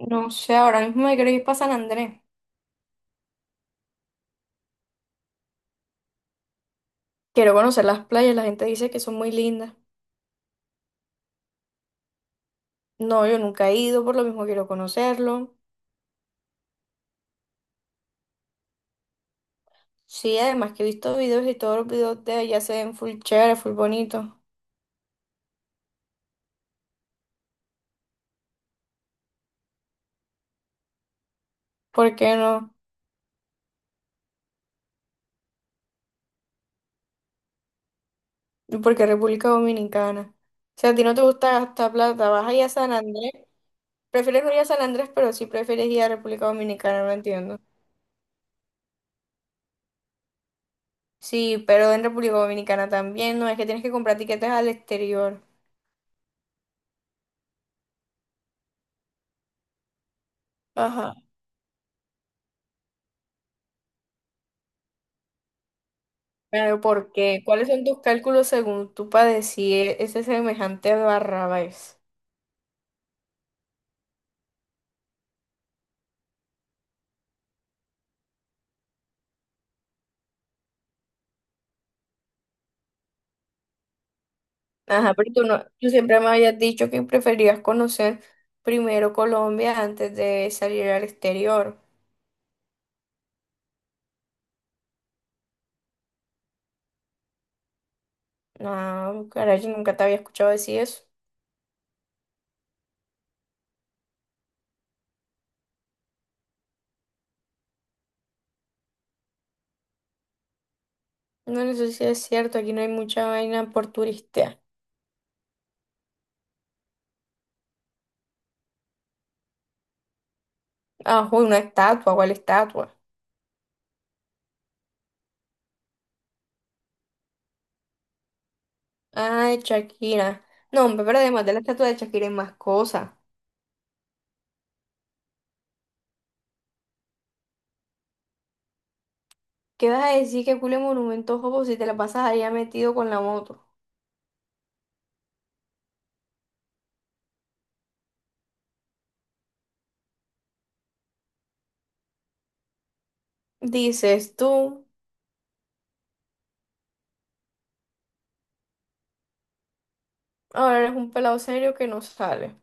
No sé, ahora mismo me quiero ir para San Andrés. Quiero conocer las playas, la gente dice que son muy lindas. No, yo nunca he ido, por lo mismo quiero conocerlo. Sí, además que he visto videos y todos los videos de allá se ven full chévere, full bonito. ¿Por qué no? Porque República Dominicana. Si a ti no te gusta gastar plata, vas allá a San Andrés. Prefieres no ir a San Andrés, pero sí prefieres ir a República Dominicana, no entiendo. Sí, pero en República Dominicana también, no es que tienes que comprar tiquetes al exterior. Ajá. Pero ¿por qué? ¿Cuáles son tus cálculos según tú padecí decir ese semejante Barrabás? Ajá, pero tú no, tú siempre me habías dicho que preferías conocer primero Colombia antes de salir al exterior. No, caray, yo nunca te había escuchado decir eso. No, no sé si es cierto, aquí no hay mucha vaina por turista. Ah, uy, una estatua, ¿cuál estatua? Ah, de Shakira. No, hombre, pero además de la estatua de Shakira hay más cosas. ¿Qué vas a decir que cule monumentos, jopo, si te la pasas allá metido con la moto? Dices tú, ahora eres un pelado serio que no sale.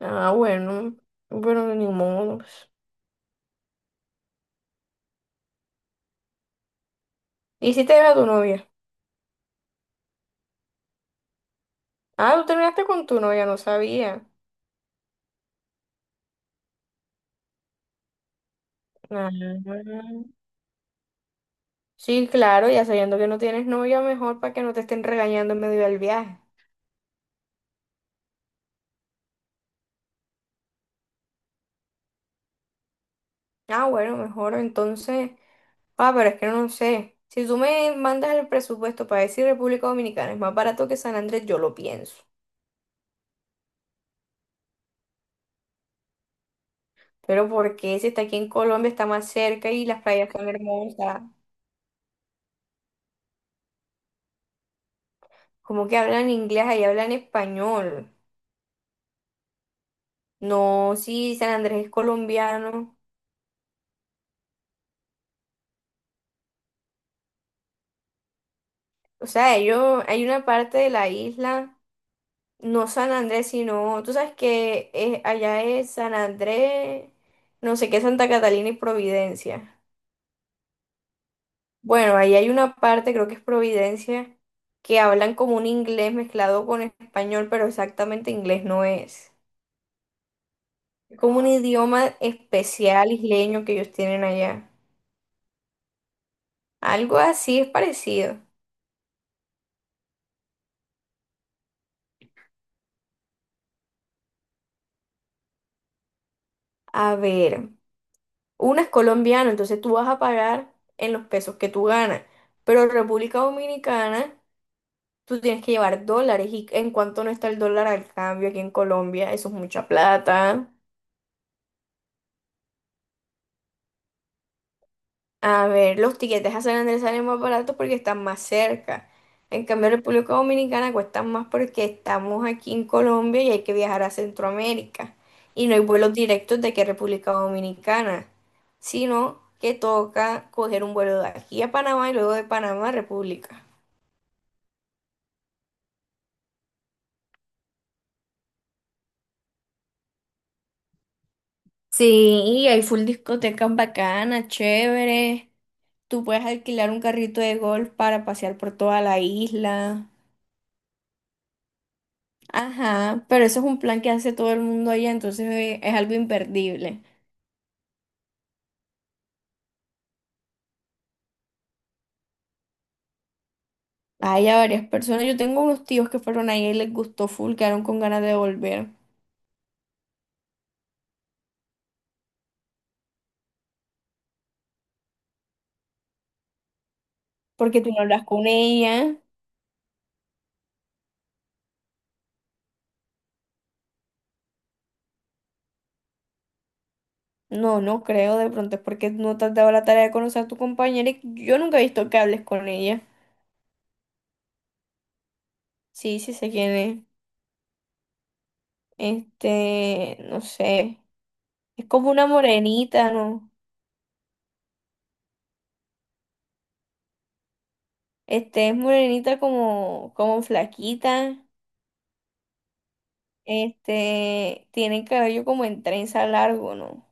Ah, bueno, bueno, ni modo. ¿Y si te era tu novia? Ah, tú terminaste con tu novia, no sabía. Ah, sí, claro, ya sabiendo que no tienes novia, mejor para que no te estén regañando en medio del viaje. Ah, bueno, mejor entonces. Ah, pero es que no sé. Si tú me mandas el presupuesto para decir República Dominicana es más barato que San Andrés, yo lo pienso. Pero ¿por qué? Si está aquí en Colombia, está más cerca y las playas son hermosas. Como que hablan inglés, ahí hablan español. No, sí, San Andrés es colombiano. O sea, ellos, hay una parte de la isla, no San Andrés, sino, tú sabes que allá es San Andrés, no sé qué, Santa Catalina y Providencia. Bueno, ahí hay una parte, creo que es Providencia, que hablan como un inglés mezclado con español, pero exactamente inglés no es. Es como un idioma especial isleño que ellos tienen allá. Algo así es parecido. A ver. Una es colombiana, entonces tú vas a pagar en los pesos que tú ganas. Pero República Dominicana, tú tienes que llevar dólares. ¿Y en cuánto no está el dólar al cambio aquí en Colombia? Eso es mucha plata. A ver, los tiquetes a San Andrés salen más baratos porque están más cerca. En cambio, República Dominicana cuestan más porque estamos aquí en Colombia y hay que viajar a Centroamérica. Y no hay vuelos directos de que República Dominicana, sino que toca coger un vuelo de aquí a Panamá y luego de Panamá a República. Sí, y hay full discotecas bacanas, chévere. Tú puedes alquilar un carrito de golf para pasear por toda la isla. Ajá, pero eso es un plan que hace todo el mundo allá, entonces es algo imperdible. Hay a varias personas, yo tengo unos tíos que fueron ahí y les gustó full, quedaron con ganas de volver. Porque tú no hablas con ella. No, no creo, de pronto es porque no te has dado la tarea de conocer a tu compañera y yo nunca he visto que hables con ella. Sí, sí sé quién es. Este, no sé. Es como una morenita, ¿no? Este, es morenita como, como flaquita. Este, tiene el cabello como en trenza largo, ¿no?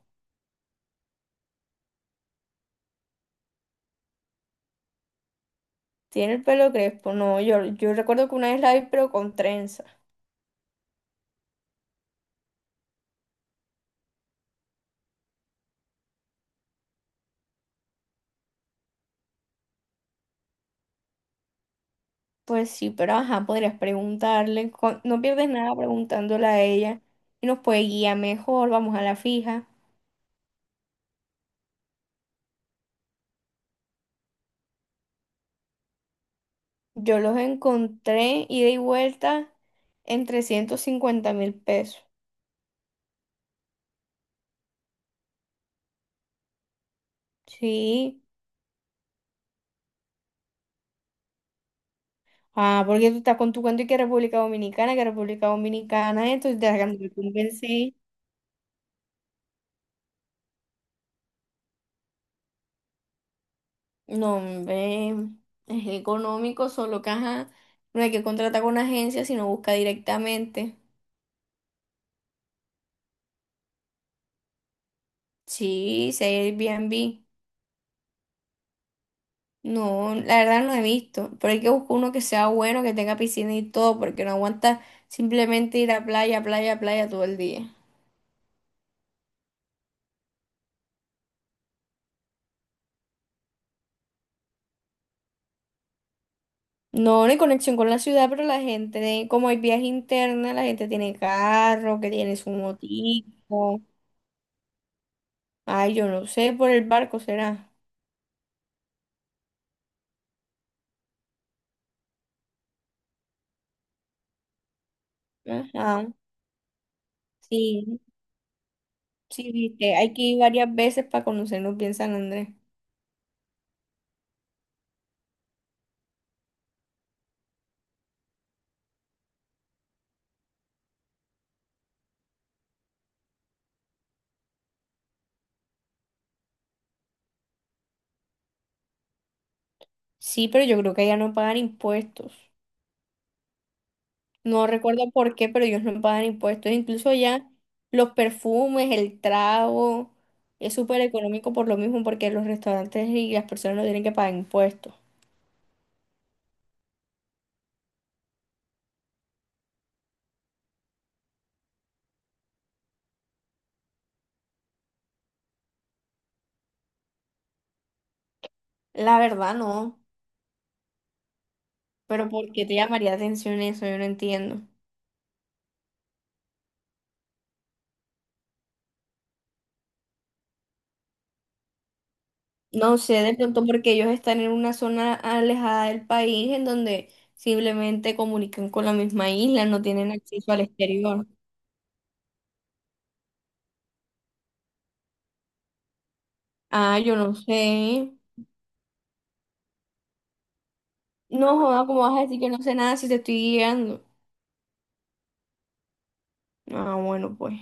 Tiene el pelo crespo, no, yo recuerdo que una vez la vi, pero con trenza. Pues sí, pero ajá, podrías preguntarle, no pierdes nada preguntándole a ella y nos puede guiar mejor, vamos a la fija. Yo los encontré ida y vuelta en 350.000 pesos. Sí. Ah, porque tú estás con tu cuento y que República Dominicana, entonces te la convencí. No, hombre, es económico, solo que ajá, no hay que contratar con una agencia, sino busca directamente. Sí, si hay Airbnb. No, la verdad no he visto, pero hay que buscar uno que sea bueno, que tenga piscina y todo, porque no aguanta simplemente ir a playa, playa, playa todo el día. No, no hay conexión con la ciudad, pero la gente, como hay viaje interna, la gente tiene carro, que tiene su motico. Ay, yo no sé, por el barco será. Ajá, sí. Sí, viste, hay que ir varias veces para conocernos bien San Andrés. Sí, pero yo creo que allá no pagan impuestos. No recuerdo por qué, pero ellos no pagan impuestos. Incluso allá los perfumes, el trago, es súper económico por lo mismo, porque los restaurantes y las personas no tienen que pagar impuestos. La verdad no, pero ¿por qué te llamaría atención eso? Yo no entiendo. No sé, de pronto porque ellos están en una zona alejada del país en donde simplemente comunican con la misma isla, no tienen acceso al exterior. Ah, yo no sé. No, joda, ¿cómo vas a decir que no sé nada si te estoy guiando? Ah, bueno, pues.